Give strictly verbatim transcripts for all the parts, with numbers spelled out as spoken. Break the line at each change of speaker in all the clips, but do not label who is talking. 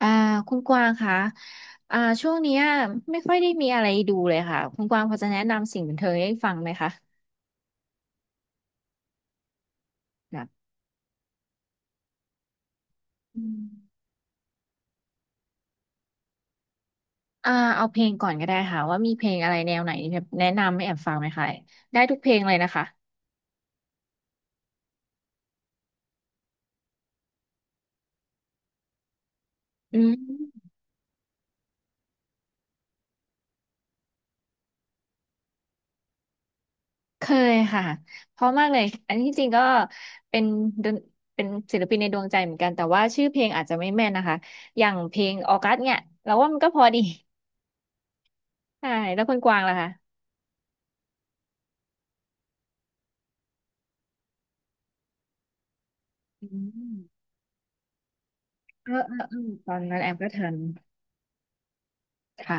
อ่าคุณกวางคะอ่าช่วงเนี้ยไม่ค่อยได้มีอะไรดูเลยค่ะคุณกวางพอจะแนะนำสิ่งบันเทิงให้ฟังไหมคะแบบอืมอ่าเอาเพลงก่อนก็ได้ค่ะว่ามีเพลงอะไรแนวไหนแนะนำให้แอบฟังไหมคะได้ทุกเพลงเลยนะคะอืมเคยค่ะเพราะมากเลยอันที่จริงก็เป็นดนเป็นศิลปินในดวงใจเหมือนกันแต่ว่าชื่อเพลงอาจจะไม่แม่นนะคะอย่างเพลงออกัสเนี่ยเราว่ามันก็พอดีใช่แล้วคุณกวางล่ะคะอืมเออเออเออตอนนั้นแอมก็ทัน ค่ะ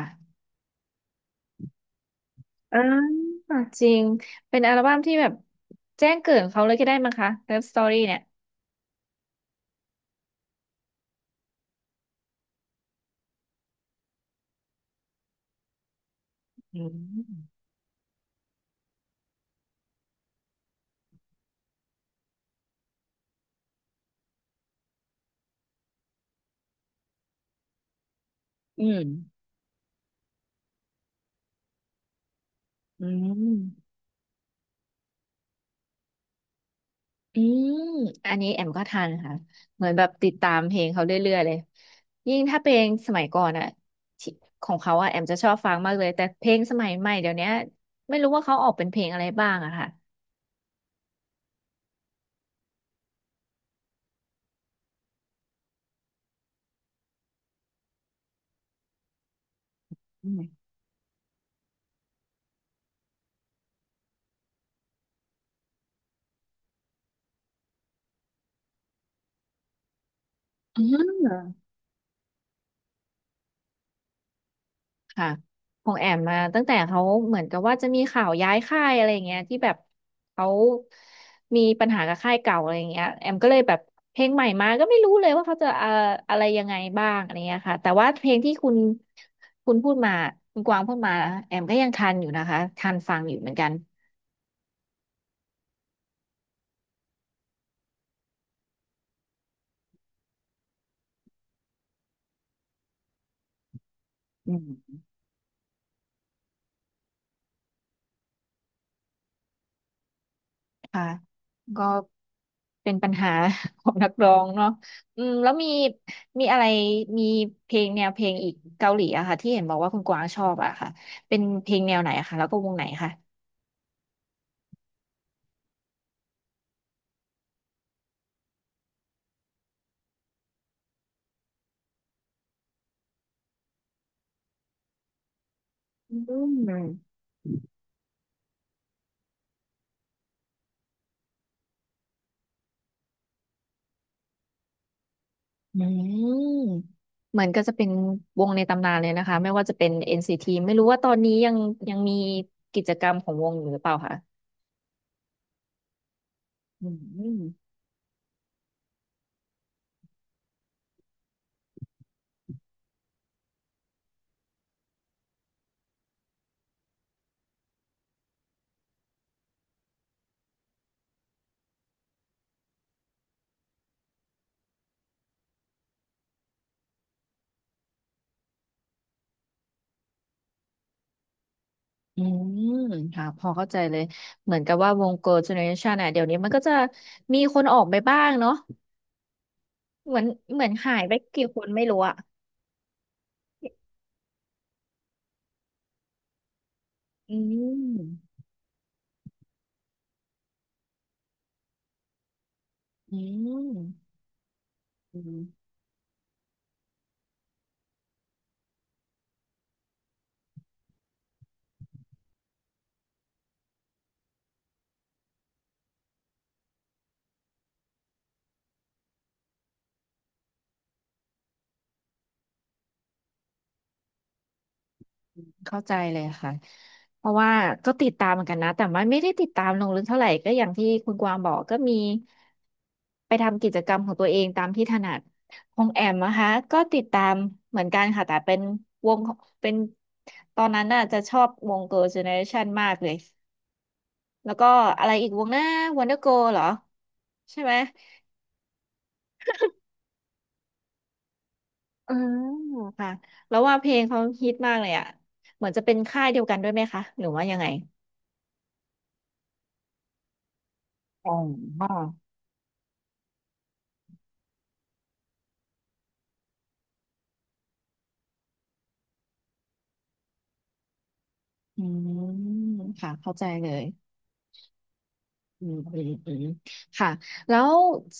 อ่าจริง เป็นอัลบั้มที่แบบแจ้งเกิดของเขาเลยก็ได้มั้งคะ Love Story เนี่ยอืมอืมอืมอืมอันนี้แอมก็ทันค่ะเหมือนแบบติดตามเพลงเขาเรื่อยๆเลย ยิ่งถ้าเพลงสมัยก่อนอะที่ของเขาอ่ะแอมจะชอบฟังมากเลย แต่เพลงสมัยใหม่เดี๋ยวเนี้ยไม่รู้ว่าเขาออกเป็นเพลงอะไรบ้างอะค่ะอืมอืม ค่ะของแอมมาตั้งแต่เขาเหมือนกับว่าจะมีข่าวย้ายค่ายอะไรอย่างเงี้ยที่แบบเขามีปัญหากับค่ายเก่าอะไรอย่างเงี้ยแอมก็เลยแบบเพลงใหม่มาก็ไม่รู้เลยว่าเขาจะเอ่ออะไรยังไงบ้างอะไรเงี้ยค่ะแต่ว่าเพลงที่คุณคุณพูดมาคุณกวางพูดมาแอมก็ยังทันอยู่นะคะทันฟังอยู่เหมือนกันอืมค่ะก็ เป็นปัญหา ของนักร้องเนาะอืมแล้วมีมีอะไร มีเพลงแนวเพลงอีกเกาหลีอะค่ะที่เห็นบอกว่าคุณกวางชอบอะค่ะเป็นเพลงแนวไหนอะคะแล้วก็วงไหนคะอืมอืมเหมือนก็จะเป็นวงในตำนานเลยนะคะไม่ว่าจะเป็น เอ็น ซี ที ไม่รู้ว่าตอนนี้ยังยังมีกิจกรรมของวงอยู่หรือเปล่าคะอืมอืมค่ะ พอเข้าใจเลย เหมือนกับว่าวง Girl Generation อ่ะเดี๋ยวนี้มันก็จะมีคนออกไปบ้างเนาะ เหมือนเหมือนหายไปกี่คนไม่รู้อะอืมอืมอืมเข้าใจเลยค่ะ เพราะว่าก็ติดตามเหมือนกันนะ แต่ว่าไม่ได้ติดตามลงลึกเท่าไหร่ก็อย่างที่คุณกวางบอกก็มีไปทำกิจกรรมของตัวเองตามที่ถนัดของแอมนะคะก็ติดตามเหมือนกันค่ะ แต่เป็นวงของเป็นตอนนั้นน่ะจะชอบวง Girl Generation มากเลย แล้วก็อะไรอีกวงหน้า Wonder Girl เหรอใช่ไหม อืมค่ะแล้วว่าเพลงเขาฮิตมากเลยอ่ะเหมือนจะเป็นค่ายเดียวกันด้วยไหมคะหรือว่ายังไงอ๋ออืมค่ะเข้าใจเลยอืมอืมอืมค่ะแล้ว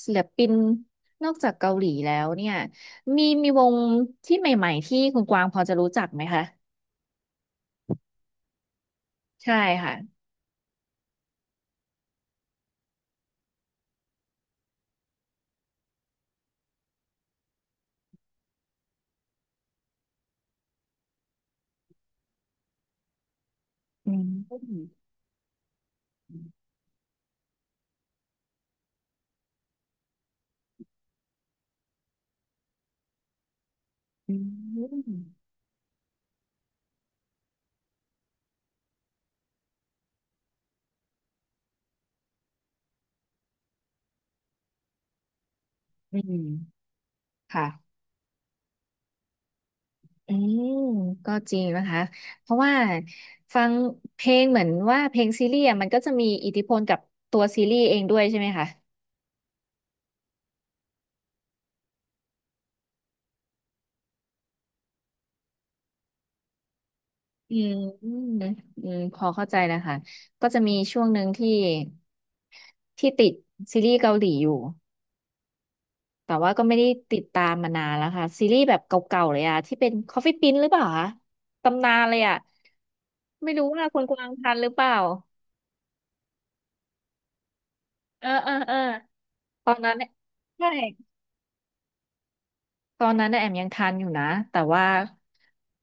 ศิลปินนอกจากเกาหลีแล้วเนี่ยมีมีวงที่ใหม่ๆที่คุณกวางพอจะรู้จักไหมคะใช่ค่ะอืมอืมอืมค่ะ อืมก็จริงนะคะเพราะว่าฟังเพลงเหมือนว่าเพลงซีรีส์อะมันก็จะมีอิทธิพลกับตัวซีรีส์เองด้วยใช่ไหมคะอืมอืมอืมพอเข้าใจแล้วค่ะก็จะมีช่วงหนึ่งที่ที่ติดซีรีส์เกาหลีอยู่แต่ว่าก็ไม่ได้ติดตามมานานแล้วค่ะซีรีส์แบบเก่าๆเลยอะที่เป็น Coffee Prince หรือเปล่าคะตำนานเลยอะไม่รู้ว่าคนกวางทันหรือเปล่าเออเออเออตอนนั้นเนี่ยใช่ ตอนนั้นน่ะแอมยังทันอยู่นะแต่ว่า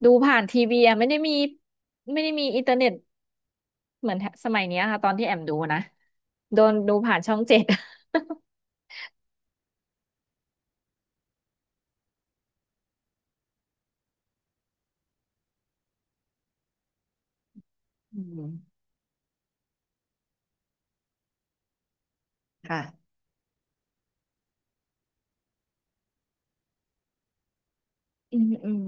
ดูผ่านทีวีอะไม่ได้มีไม่ได้มีอินเทอร์เน็ตเหมือนสมัยเนี้ยค่ะตอนที่แอมดูนะโดนดูผ่านช่องเจ็ด อืมค่ะอืมอืม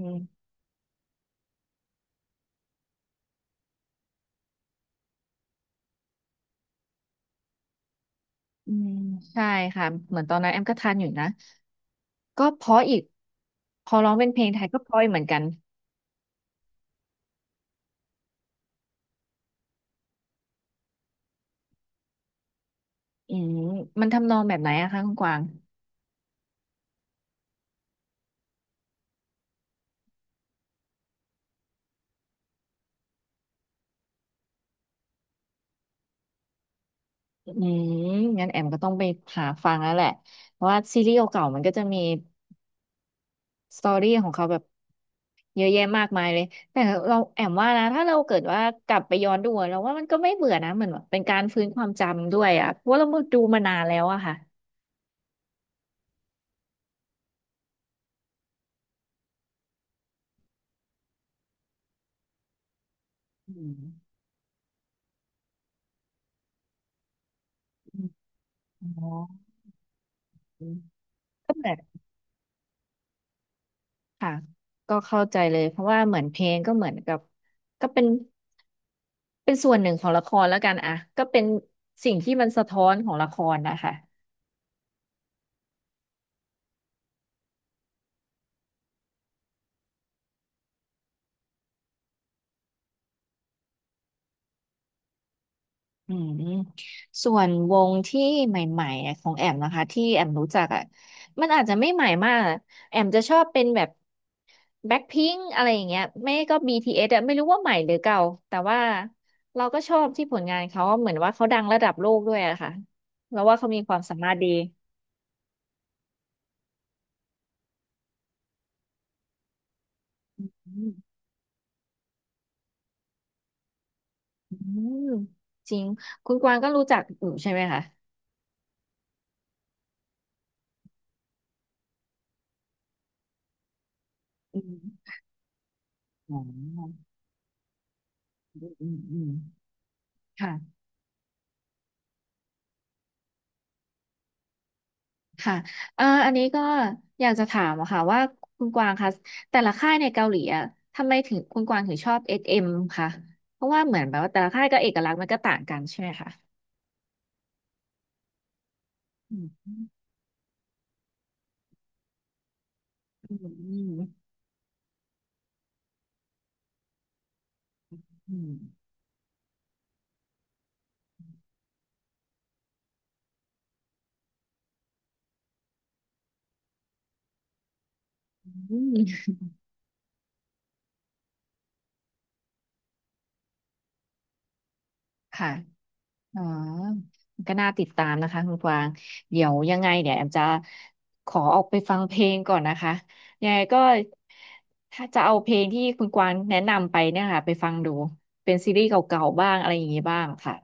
อืมใช่ค่ะเหมือนตอนนั้นแอมก็ทันอยู่นะก็เพราะอีกพอร้องเป็นเพลงไทยก็เพราะอีกเหมือนกันอืมมันทำนองแบบไหนอะคะคุณกวางอืมงั้นแอมก็ต้องไปหาฟังแล้วแหละเพราะว่าซีรีส์เก่าๆมันก็จะมี สตอรี่ของเขาแบบเยอะแยะมากมายเลย แต่เราแอมว่านะ ถ้าเราเกิดว่ากลับไปย้อนดูอะเราว่ามันก็ไม่เบื่อนะเหมือนแบบเป็นการฟื้นความจำด้วยอ่ะเพราะว่าเราดูมานานแล้วอะค่ะอืมอืมอ๋ออืมก็เหมือนค่ะก็เข้าใจเลย เพราะว่าเหมือนเพลงก็เหมือนกับก็เป็นเป็นส่วนหนึ่งของละครแล้วกันอะก็เป็นสิ่งที่มันสะท้อนของละครนะคะ อืมส่วนวงที่ใหม่ๆอะของแอมนะคะที่แอมรู้จักอ่ะมันอาจจะไม่ใหม่มากอะแอมจะชอบเป็นแบบแบ็คพิงค์อะไรอย่างเงี้ยไม่ก็ บี ที เอส อสอะไม่รู้ว่าใหม่หรือเก่าแต่ว่าเราก็ชอบที่ผลงานเขาเหมือนว่าเขาดังระดับโลกด้วยอะค่ะแล้วว่าเขามีความสามารถดีอืมอืมจริงคุณกวางก็รู้จักอยู่ใช่ไหมคะอืมอ๋ออืมอืมอืมค่ะ ค่ะเอ่ออันนี้ก็อยากจะถามอะค่ะว่าคุณกวางคะแต่ละค่ายในเกาหลีอะทำไมถึงคุณกวางถึงชอบ เอส เอ็ม คะเพราะว่าเหมือนแบบว่าแต่ละค่ายก็เอกลักษณ์มันก็ต่างกันใช่ไหมคะอืมอืมอืมอืมอืมค่ะอ๋อก็น่าติดตามนะคะคุณกวางเดี๋ยวยังไงเดี๋ยวแอมจะขอออกไปฟังเพลงก่อนนะคะยังไงก็ถ้าจะเอาเพลงที่คุณกวางแนะนำไปเนี่ยค่ะไปฟังดูเป็นซีรีส์เก่าๆบ้างอะไรอย่างนี้บ้างค่ะ